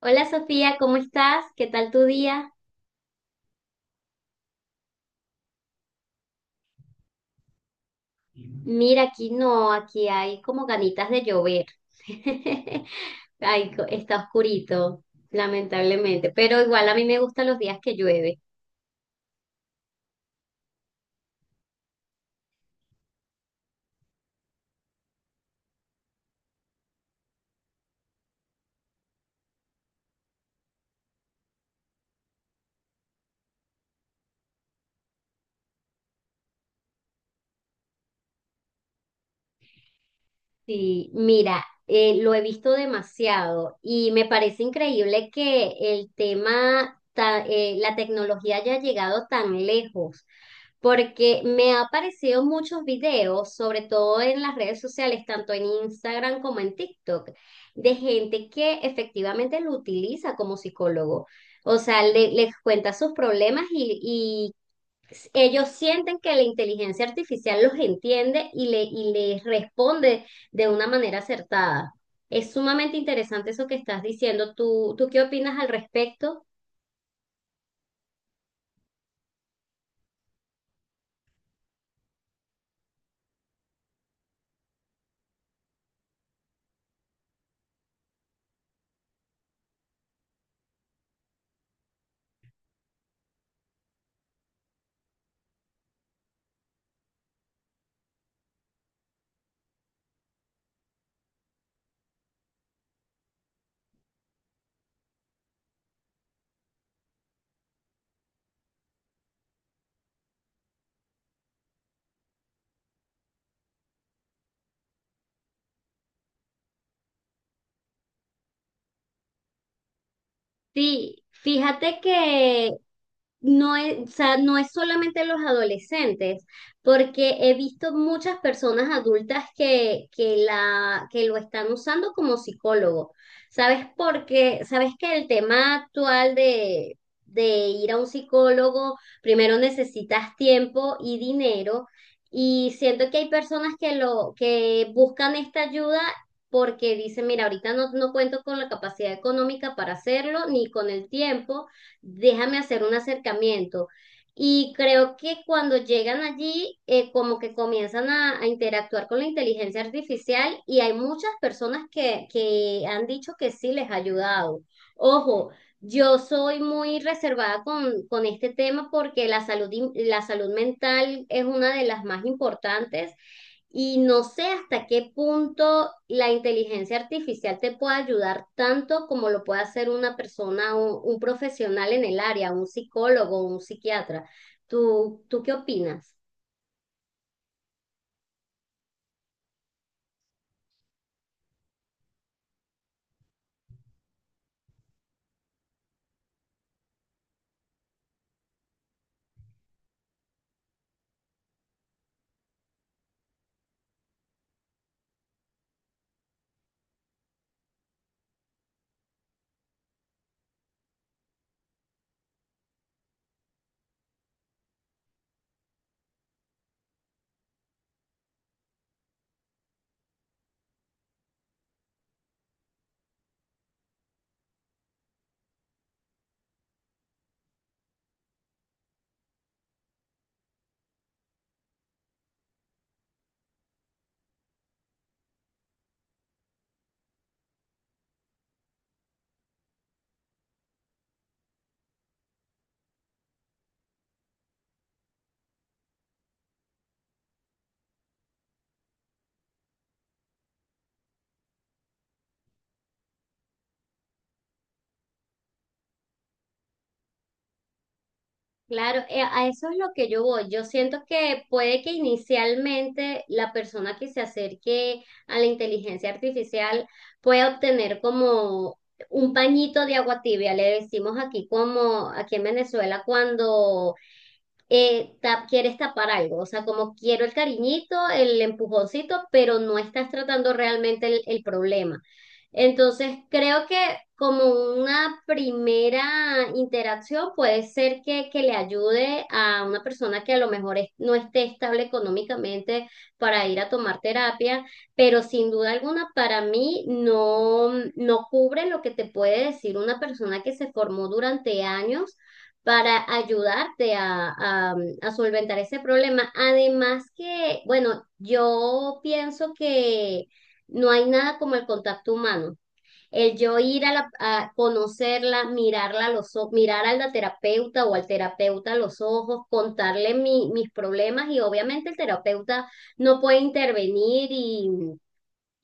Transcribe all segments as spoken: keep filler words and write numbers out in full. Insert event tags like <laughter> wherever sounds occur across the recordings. Hola Sofía, ¿cómo estás? ¿Qué tal tu día? Mira, aquí no, aquí hay como ganitas de llover. <laughs> Ay, co- está oscurito, lamentablemente, pero igual a mí me gustan los días que llueve. Sí, mira, eh, lo he visto demasiado y me parece increíble que el tema, ta- eh, la tecnología haya llegado tan lejos, porque me ha aparecido muchos videos, sobre todo en las redes sociales, tanto en Instagram como en TikTok, de gente que efectivamente lo utiliza como psicólogo. O sea, le- les cuenta sus problemas, ellos sienten que la inteligencia artificial los entiende y, le, y les responde de una manera acertada. Es sumamente interesante eso que estás diciendo. ¿Tú, tú ¿qué opinas al respecto? Sí, fíjate que no es, o sea, no es solamente los adolescentes, porque he visto muchas personas adultas que, que, la, que lo están usando como psicólogo. ¿Sabes por qué? ¿Sabes que el tema actual de, de ir a un psicólogo, primero necesitas tiempo y dinero? Y siento que hay personas que lo que buscan esta ayuda porque dice, mira, ahorita no, no cuento con la capacidad económica para hacerlo, ni con el tiempo, déjame hacer un acercamiento. Y creo que cuando llegan allí, eh, como que comienzan a, a interactuar con la inteligencia artificial y hay muchas personas que, que han dicho que sí les ha ayudado. Ojo, yo soy muy reservada con, con este tema porque la salud, in- la salud mental es una de las más importantes y no sé hasta qué punto la inteligencia artificial te puede ayudar tanto como lo puede hacer una persona, un, un profesional en el área, un psicólogo, un psiquiatra. ¿Tú, tú ¿qué opinas? Claro, eh, a eso es lo que yo voy. Yo siento que puede que inicialmente la persona que se acerque a la inteligencia artificial pueda obtener como un pañito de agua tibia, le decimos aquí, como aquí en Venezuela, cuando eh, tap- quieres tapar algo, o sea, como quiero el cariñito, el empujoncito, pero no estás tratando realmente el, el problema. Entonces, creo que como una primera interacción puede ser que, que le ayude a una persona que a lo mejor es- no esté estable económicamente para ir a tomar terapia, pero sin duda alguna para mí no, no cubre lo que te puede decir una persona que se formó durante años para ayudarte a, a, a solventar ese problema. Además que, bueno, yo pienso que no hay nada como el contacto humano. El yo ir a, la- a conocerla, mirarla a los ojos, mirar a la terapeuta o al terapeuta a los ojos, contarle mi- mis problemas y obviamente el terapeuta no puede intervenir y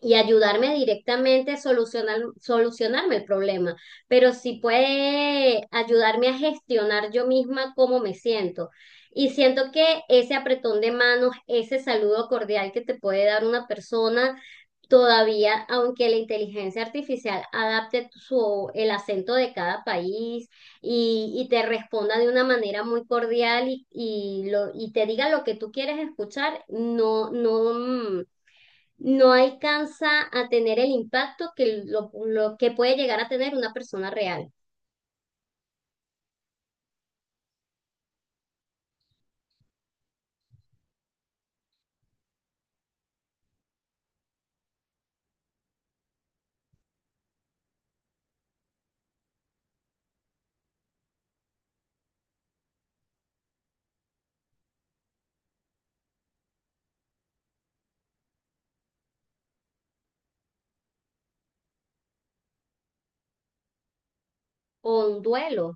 y ayudarme directamente a solucionar, solucionarme el problema, pero sí puede ayudarme a gestionar yo misma cómo me siento. Y siento que ese apretón de manos, ese saludo cordial que te puede dar una persona, todavía, aunque la inteligencia artificial adapte su, el acento de cada país y, y te responda de una manera muy cordial y, y, lo, y te diga lo que tú quieres escuchar, no, no, mm, no alcanza a tener el impacto que lo, lo que puede llegar a tener una persona real o un duelo,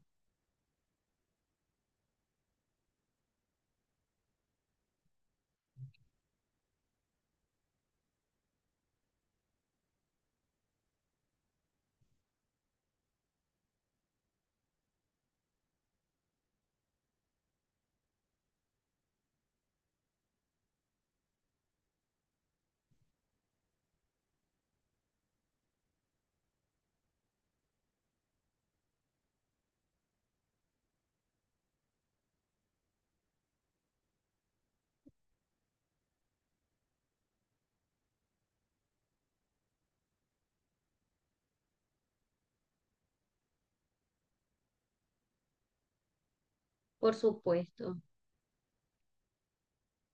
por supuesto.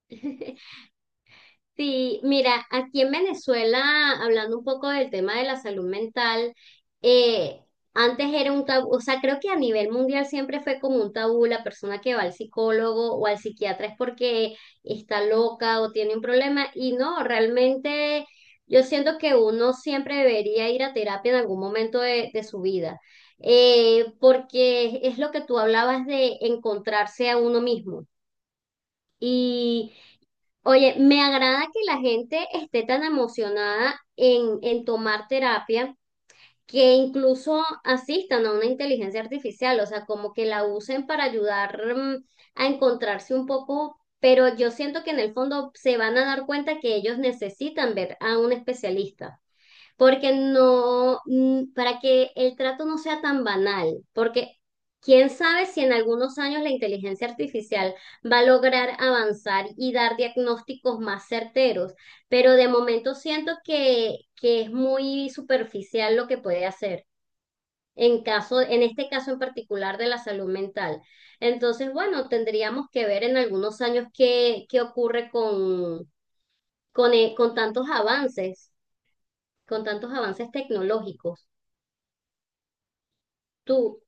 <laughs> Sí, mira, aquí en Venezuela, hablando un poco del tema de la salud mental, eh, antes era un tabú, o sea, creo que a nivel mundial siempre fue como un tabú, la persona que va al psicólogo o al psiquiatra es porque está loca o tiene un problema, y no, realmente yo siento que uno siempre debería ir a terapia en algún momento de, de su vida, eh, porque es lo que tú hablabas de encontrarse a uno mismo. Oye, me agrada que la gente esté tan emocionada en, en tomar terapia, que incluso asistan a una inteligencia artificial, o sea, como que la usen para ayudar, mm, a encontrarse un poco, pero yo siento que en el fondo se van a dar cuenta que ellos necesitan ver a un especialista porque no, mm, para que el trato no sea tan banal, porque quién sabe si en algunos años la inteligencia artificial va a lograr avanzar y dar diagnósticos más certeros, pero de momento siento que, que es muy superficial lo que puede hacer. En caso, en este caso en particular de la salud mental. Entonces, bueno, tendríamos que ver en algunos años qué, qué ocurre con, con, eh, con tantos avances, con tantos avances tecnológicos. Tú,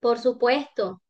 por supuesto.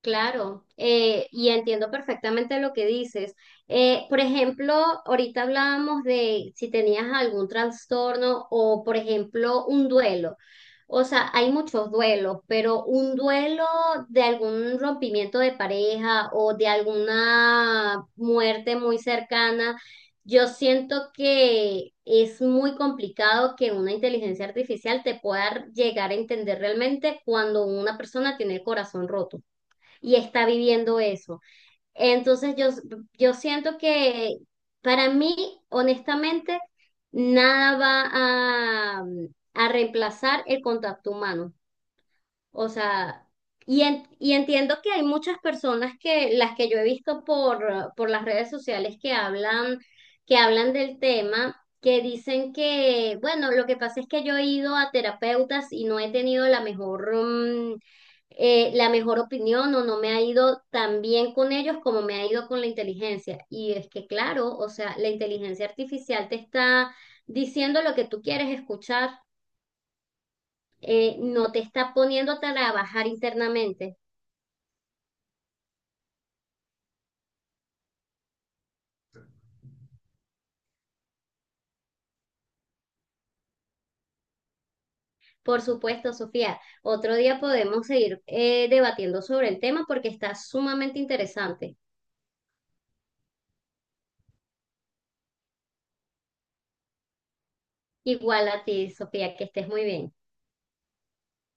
Claro, eh, y entiendo perfectamente lo que dices. Eh, por ejemplo, ahorita hablábamos de si tenías algún trastorno o, por ejemplo, un duelo. O sea, hay muchos duelos, pero un duelo de algún rompimiento de pareja o de alguna muerte muy cercana, yo siento que es muy complicado que una inteligencia artificial te pueda llegar a entender realmente cuando una persona tiene el corazón roto y está viviendo eso. Entonces yo, yo siento que para mí, honestamente, nada va a, a reemplazar el contacto humano. O sea, y, en- y entiendo que hay muchas personas que, las que yo he visto por, por las redes sociales que hablan, que hablan del tema, que dicen que, bueno, lo que pasa es que yo he ido a terapeutas y no he tenido la mejor, mm, eh, la mejor opinión o no me ha ido tan bien con ellos como me ha ido con la inteligencia. Y es que, claro, o sea, la inteligencia artificial te está diciendo lo que tú quieres escuchar, eh, no te está poniendo a trabajar internamente. Por supuesto, Sofía, otro día podemos seguir eh, debatiendo sobre el tema porque está sumamente interesante. Igual a ti, Sofía, que estés muy bien.